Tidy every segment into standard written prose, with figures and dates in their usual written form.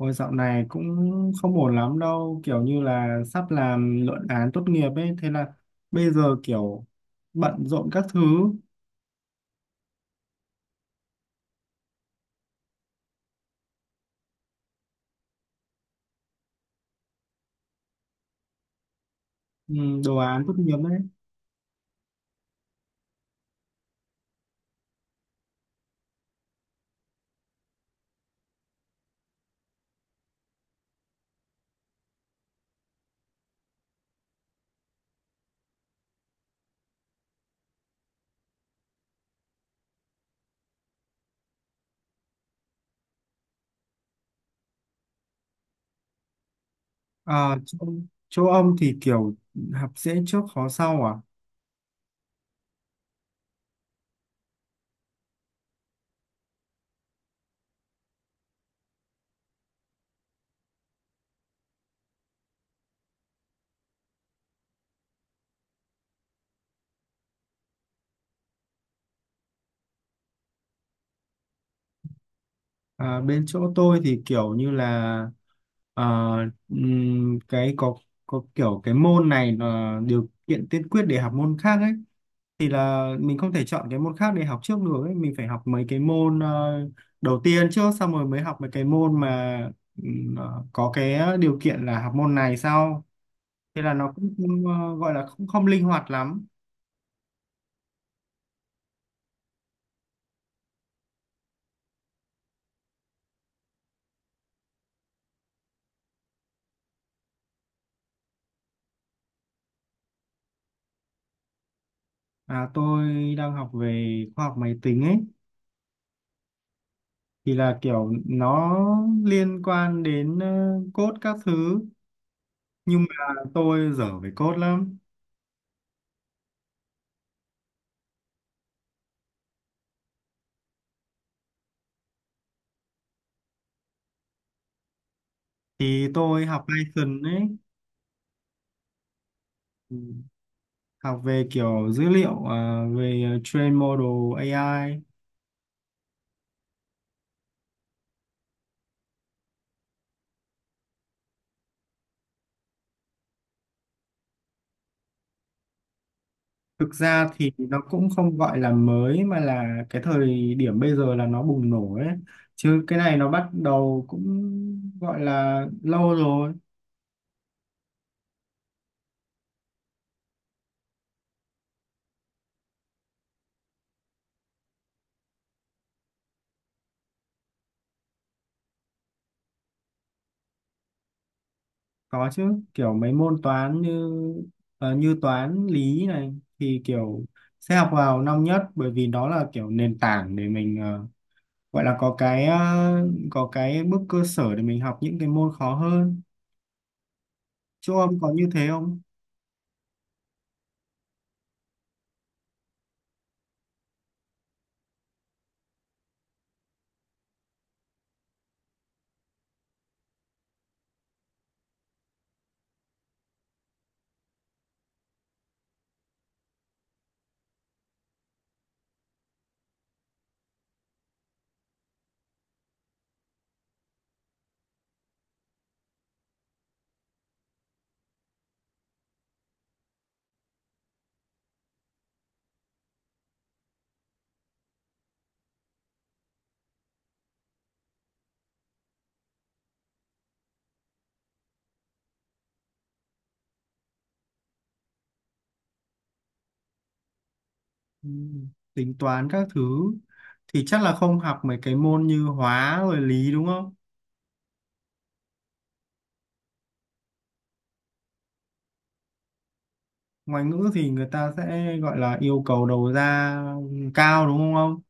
Ôi dạo này cũng không ổn lắm đâu, kiểu như là sắp làm luận án tốt nghiệp ấy, thế là bây giờ kiểu bận rộn các thứ. Ừ, đồ án tốt nghiệp ấy. À, chỗ ông thì kiểu học dễ trước khó sau à? À, bên chỗ tôi thì kiểu như là ờ, cái có kiểu cái môn này là điều kiện tiên quyết để học môn khác ấy, thì là mình không thể chọn cái môn khác để học trước được ấy. Mình phải học mấy cái môn đầu tiên trước xong rồi mới học mấy cái môn mà có cái điều kiện là học môn này sau, thế là nó cũng không, gọi là không không linh hoạt lắm. À, tôi đang học về khoa học máy tính ấy, thì là kiểu nó liên quan đến code các thứ, nhưng mà tôi dở về code lắm. Thì tôi học Python ấy, học về kiểu dữ liệu, à về train model AI. Thực ra thì nó cũng không gọi là mới mà là cái thời điểm bây giờ là nó bùng nổ ấy, chứ cái này nó bắt đầu cũng gọi là lâu rồi. Có chứ, kiểu mấy môn toán như như toán lý này thì kiểu sẽ học vào năm nhất, bởi vì đó là kiểu nền tảng để mình gọi là có cái có cái bước cơ sở để mình học những cái môn khó hơn. Chỗ ông có như thế không? Ừ, tính toán các thứ thì chắc là không học mấy cái môn như hóa rồi lý đúng không? Ngoại ngữ thì người ta sẽ gọi là yêu cầu đầu ra cao đúng không ông?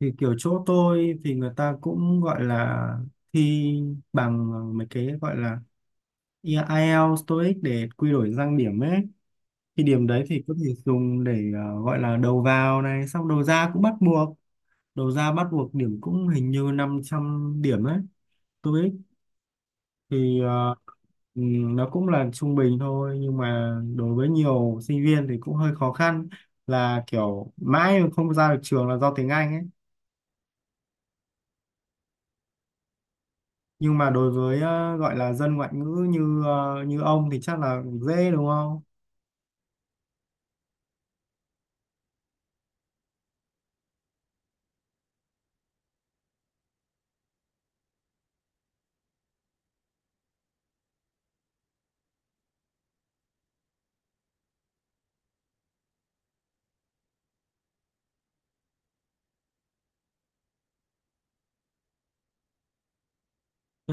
Thì kiểu chỗ tôi thì người ta cũng gọi là thi bằng mấy cái gọi là IELTS, TOEIC để quy đổi sang điểm ấy. Thì điểm đấy thì có thể dùng để gọi là đầu vào này, xong đầu ra cũng bắt buộc. Đầu ra bắt buộc điểm cũng hình như 500 điểm ấy. TOEIC thì nó cũng là trung bình thôi, nhưng mà đối với nhiều sinh viên thì cũng hơi khó khăn, là kiểu mãi mà không ra được trường là do tiếng Anh ấy. Nhưng mà đối với gọi là dân ngoại ngữ như như ông thì chắc là dễ đúng không?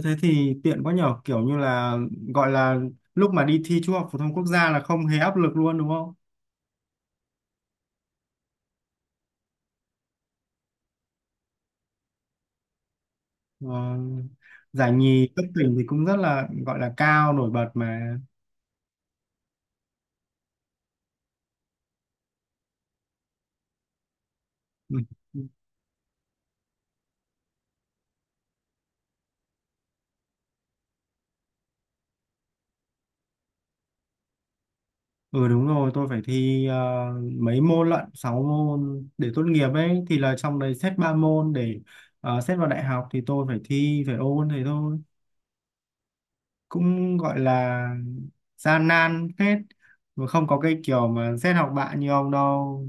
Thế thì tiện quá nhở, kiểu như là gọi là lúc mà đi thi trung học phổ thông quốc gia là không hề áp lực luôn đúng không? Ờ, giải nhì cấp tỉnh thì cũng rất là gọi là cao nổi bật mà. Ừ. Ừ đúng rồi, tôi phải thi mấy môn lận, 6 môn để tốt nghiệp ấy, thì là trong đấy xét 3 môn để xét vào đại học thì tôi phải thi, phải ôn thế thôi. Cũng gọi là gian nan phết, mà không có cái kiểu mà xét học bạ như ông đâu.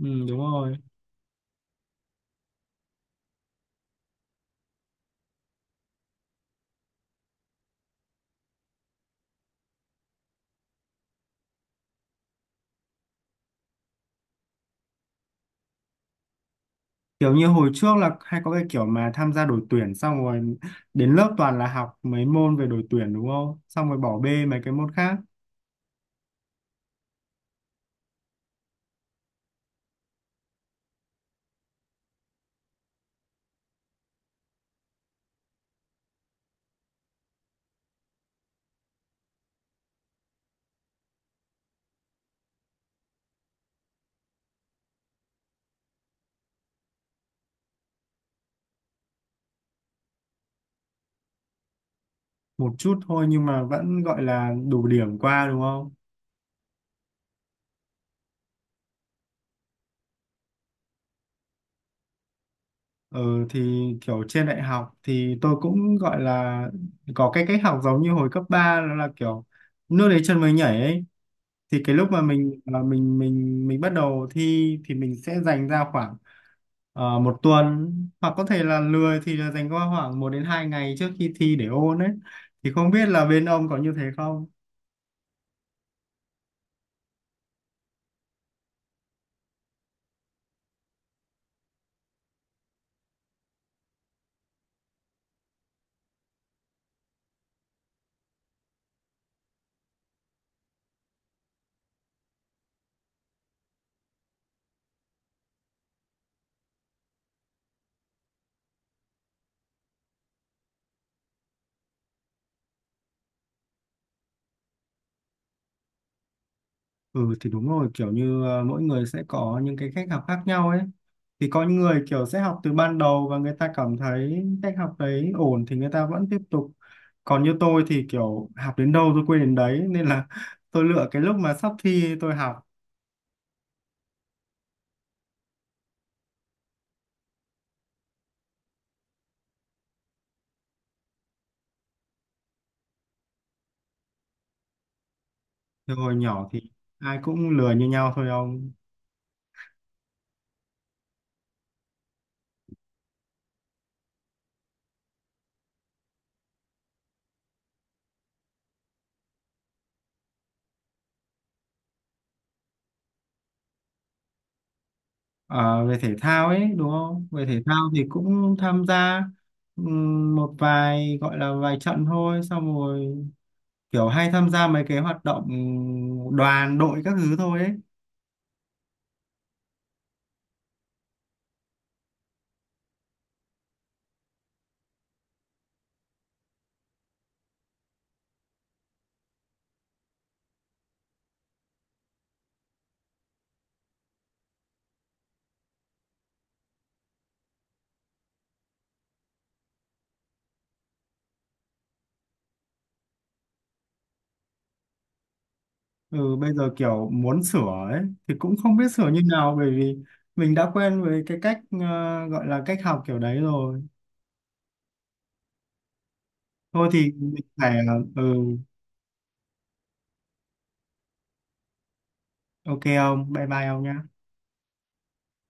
Ừ đúng rồi. Kiểu như hồi trước là hay có cái kiểu mà tham gia đội tuyển xong rồi đến lớp toàn là học mấy môn về đội tuyển đúng không? Xong rồi bỏ bê mấy cái môn khác. Một chút thôi nhưng mà vẫn gọi là đủ điểm qua đúng không? Ừ, thì kiểu trên đại học thì tôi cũng gọi là có cái cách học giống như hồi cấp ba, đó là kiểu nước đến chân mới nhảy ấy. Thì cái lúc mà mình bắt đầu thi thì mình sẽ dành ra khoảng một tuần, hoặc có thể là lười thì là dành qua khoảng một đến hai ngày trước khi thi để ôn ấy. Thì không biết là bên ông có như thế không? Ừ thì đúng rồi, kiểu như à, mỗi người sẽ có những cái cách học khác nhau ấy. Thì có những người kiểu sẽ học từ ban đầu và người ta cảm thấy cách học đấy ổn thì người ta vẫn tiếp tục, còn như tôi thì kiểu học đến đâu tôi quên đến đấy, nên là tôi lựa cái lúc mà sắp thi tôi học. Thì hồi nhỏ thì ai cũng lười như nhau thôi ông. À, về thể thao ấy đúng không? Về thể thao thì cũng tham gia một vài, gọi là vài trận thôi, xong rồi kiểu hay tham gia mấy cái hoạt động đoàn đội các thứ thôi ấy. Ừ, bây giờ kiểu muốn sửa ấy thì cũng không biết sửa như nào, bởi vì mình đã quen với cái cách gọi là cách học kiểu đấy rồi. Thôi thì mình phải ừ, ok không, bye bye ông nhá.